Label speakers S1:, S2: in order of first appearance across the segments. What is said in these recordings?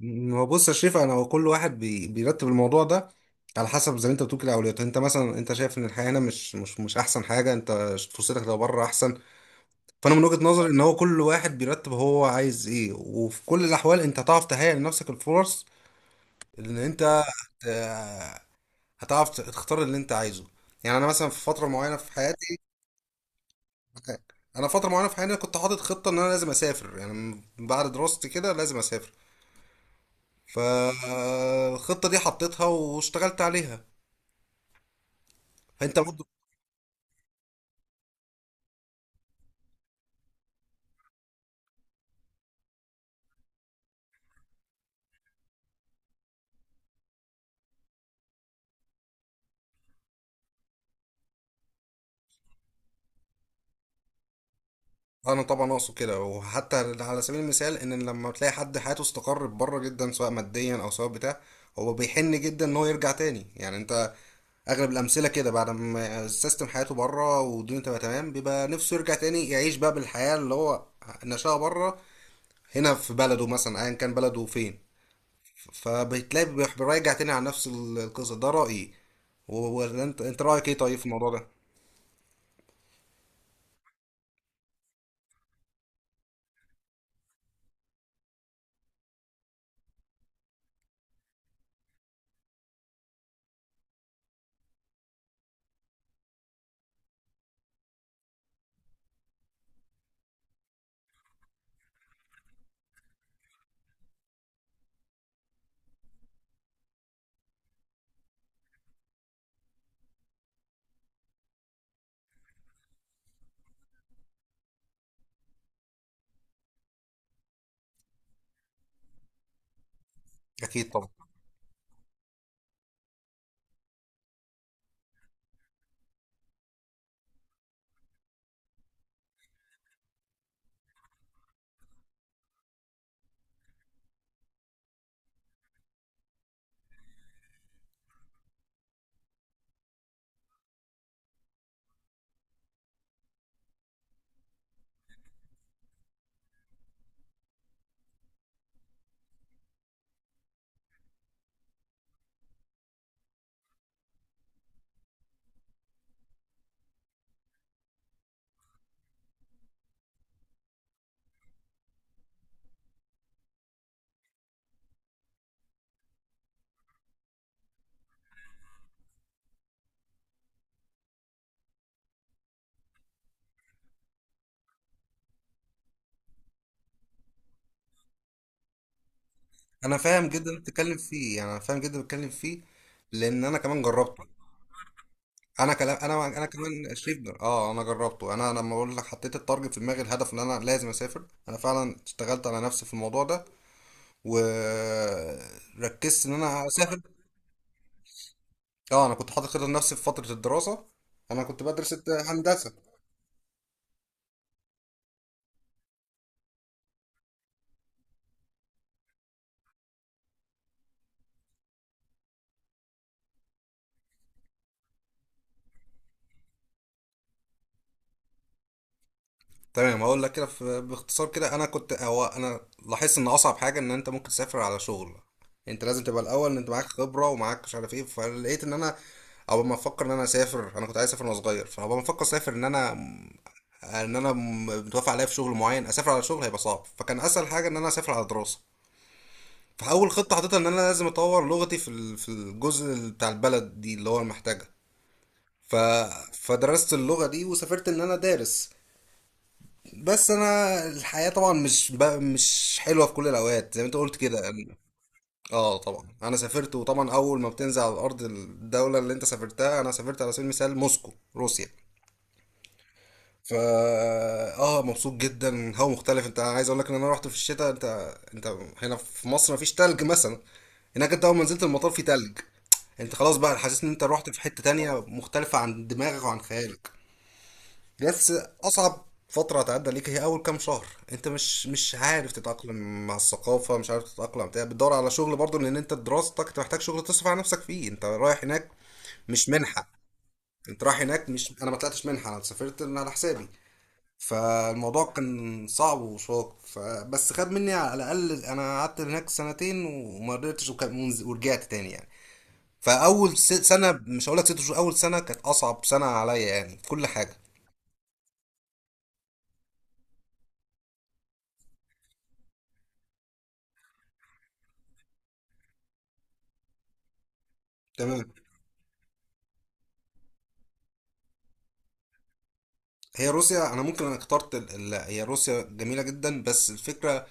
S1: ما هو بص يا شريف، انا هو كل واحد بيرتب الموضوع ده على حسب زي ما انت بتقول كده اولوياته. انت مثلا انت شايف ان الحياه هنا مش احسن حاجه، انت فرصتك لو بره احسن. فانا من وجهه نظري ان هو كل واحد بيرتب هو عايز ايه، وفي كل الاحوال انت هتعرف تهيئ لنفسك الفرص ان انت آه، هتعرف تختار اللي انت عايزه. يعني انا مثلا في فتره معينه في حياتي، انا فتره معينه في حياتي كنت حاطط خطه ان انا لازم اسافر، يعني من بعد دراستي كده لازم اسافر. فالخطه دي حطيتها واشتغلت عليها. انت برضه انا طبعا اقصد كده، وحتى على سبيل المثال ان لما تلاقي حد حياته استقرت بره جدا سواء ماديا او سواء بتاع، هو بيحن جدا ان هو يرجع تاني. يعني انت اغلب الامثله كده بعد ما السيستم حياته بره والدنيا تبقى تمام بيبقى نفسه يرجع تاني يعيش بقى بالحياه اللي هو نشأها بره، هنا في بلده مثلا ايا كان بلده فين. فبتلاقي بيراجع تاني على نفس القصه. ده رايي، ولا انت رايك ايه طيب في الموضوع ده؟ اكيد طبعا. انا فاهم جدا اللي بتتكلم فيه، يعني انا فاهم جدا اللي بتتكلم فيه لان انا كمان جربته. انا كلام انا كمان شريف انا جربته. انا لما اقول لك حطيت التارجت في دماغي الهدف ان انا لازم اسافر، انا فعلا اشتغلت على نفسي في الموضوع ده وركزت ان انا اسافر. اه انا كنت حاطط خطه لنفسي في فتره الدراسه، انا كنت بدرس هندسه. تمام هقول لك كده باختصار كده، انا كنت هو انا لاحظت ان اصعب حاجه ان انت ممكن تسافر على شغل انت لازم تبقى الاول ان انت معاك خبره ومعاك مش عارف ايه. فلقيت ان انا اول ما افكر ان انا اسافر، انا كنت عايز اسافر وانا صغير، فاول ما افكر اسافر ان انا ان انا متوافق عليا في شغل معين اسافر على شغل هيبقى صعب، فكان اسهل حاجه ان انا اسافر على دراسه. فاول خطه حطيتها ان انا لازم اطور لغتي في في الجزء بتاع البلد دي اللي هو محتاجها. ف فدرست اللغه دي وسافرت ان انا دارس. بس انا الحياة طبعا مش حلوة في كل الاوقات زي ما انت قلت كده. اه طبعا انا سافرت، وطبعا اول ما بتنزل على ارض الدولة اللي انت سافرتها، انا سافرت على سبيل المثال موسكو روسيا. فا اه مبسوط جدا. هو مختلف، انت عايز اقول لك ان انا رحت في الشتاء. انت هنا في مصر مفيش تلج مثلا، هناك انت اول ما نزلت المطار في تلج. انت خلاص بقى حاسس ان انت رحت في حتة تانية مختلفة عن دماغك وعن خيالك. بس اصعب فتره هتعدي عليك هي اول كام شهر. انت مش عارف تتاقلم مع الثقافه، مش عارف تتاقلم بتاع، بتدور على شغل برضه لان انت دراستك انت محتاج شغل تصرف على نفسك فيه. انت رايح هناك مش منحه، انت رايح هناك مش، انا ما طلعتش منحه، انا سافرت من على حسابي. فالموضوع كان صعب وشاق. فبس خد مني على الاقل انا قعدت هناك سنتين وما قدرتش ورجعت تاني يعني. فاول سنه، مش هقول لك ست شهور، اول سنه كانت اصعب سنه عليا يعني في كل حاجه. تمام، هي روسيا انا ممكن انا اخترت هي روسيا جميله جدا، بس الفكره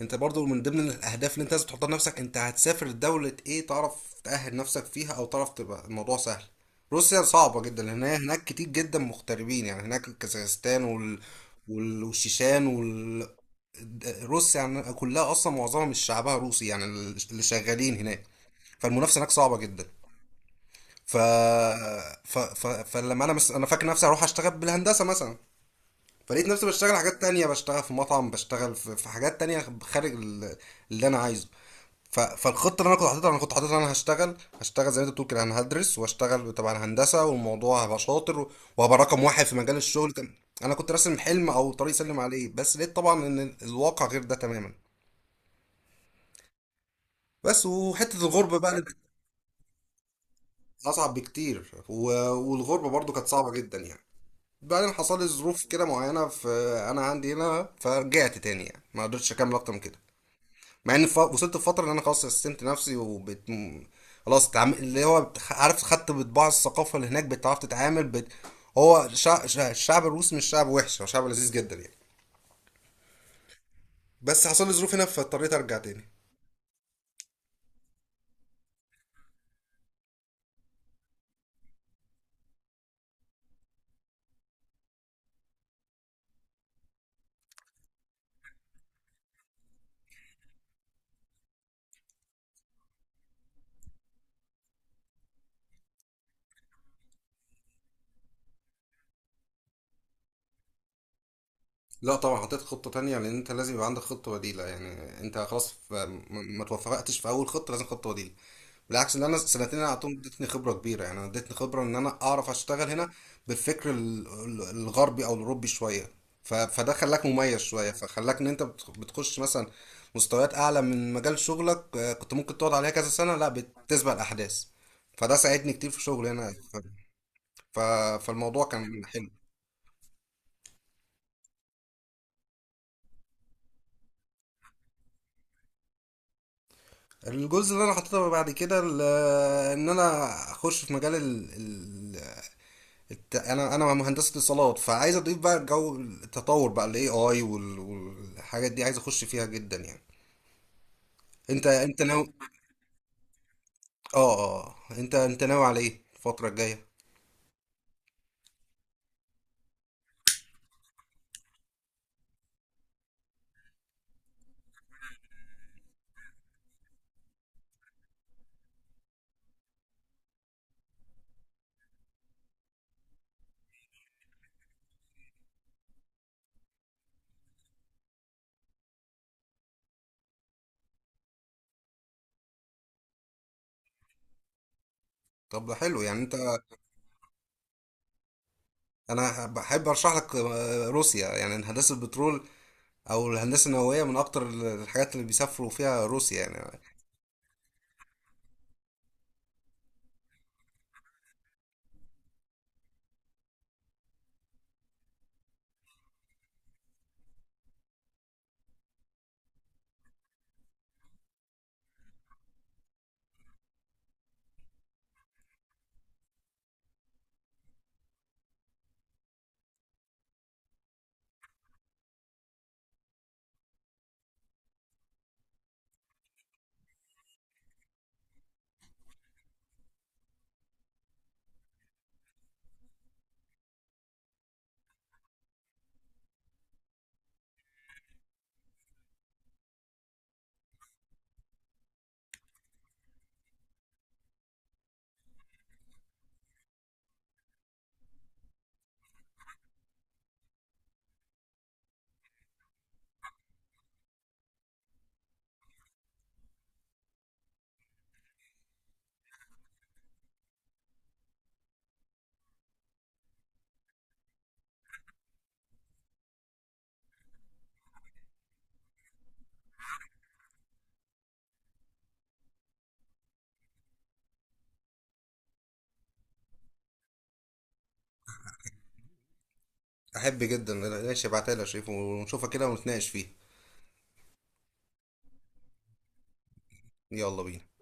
S1: انت برضو من ضمن الاهداف اللي انت لازم تحطها لنفسك انت هتسافر لدوله ايه، تعرف تأهل نفسك فيها او تعرف تبقى الموضوع سهل. روسيا صعبه جدا لان هي هناك كتير جدا مغتربين، يعني هناك كازاخستان والشيشان روسيا يعني كلها اصلا معظمها مش شعبها روسي يعني اللي شغالين هناك. فالمنافسه هناك صعبه جدا. ف... فلما انا انا فاكر نفسي هروح اشتغل بالهندسه مثلا، فلقيت نفسي بشتغل حاجات تانية، بشتغل في مطعم، بشتغل في, في حاجات تانية خارج اللي انا عايزه. فالخطة اللي انا كنت حاططها، انا كنت حاططها انا هشتغل زي ما انت بتقول كده، انا هدرس واشتغل تبع الهندسة والموضوع هبقى شاطر وهبقى رقم واحد في مجال الشغل. كان انا كنت راسم حلم او طريق سلم عليه، بس لقيت طبعا ان الواقع غير ده تماما. بس وحتة الغربة بقى اللي كانت اصعب بكتير، و- والغربة برضو كانت صعبة جدا يعني. بعدين حصل لي ظروف كده معينة في انا عندي هنا فرجعت تاني، يعني ما قدرتش اكمل اكتر من كده. مع ان وصلت لفتره ان انا خلاص سستمت نفسي خلاص اللي هو عارف خدت بطباع الثقافه اللي هناك بتعرف تتعامل هو الشعب الروسي مش شعب وحش، هو شعب لذيذ جدا يعني. بس حصل لي ظروف هنا فاضطريت ارجع تاني. لا طبعا حطيت خطه تانية، لان انت لازم يبقى عندك خطه بديله. يعني انت خلاص ما توفقتش في اول خطه لازم خطه بديله. بالعكس اللي انا سنتين انا اعطيهم ادتني خبره كبيره، يعني انا ادتني خبره ان انا اعرف اشتغل هنا بالفكر الغربي او الاوروبي شويه. فده خلاك مميز شويه، فخلاك ان انت بتخش مثلا مستويات اعلى من مجال شغلك كنت ممكن تقعد عليها كذا سنه، لا بتسبق الاحداث. فده ساعدني كتير في شغلي هنا. ف- فالموضوع كان حلو. الجزء اللي انا حطيته بعد كده ان انا اخش في مجال انا مهندس اتصالات، فعايز اضيف بقى جو التطور بقى الاي اي والحاجات دي عايز اخش فيها جدا يعني. انت ناوي انت انت ناوي على ايه الفتره الجايه؟ طب ده حلو. يعني انت انا بحب ارشح لك روسيا، يعني هندسه البترول او الهندسه النوويه من اكتر الحاجات اللي بيسافروا فيها روسيا يعني. احب جدا، ماشي ابعتها لي يا شريف ونشوفها كده ونتناقش فيها. يلا بينا.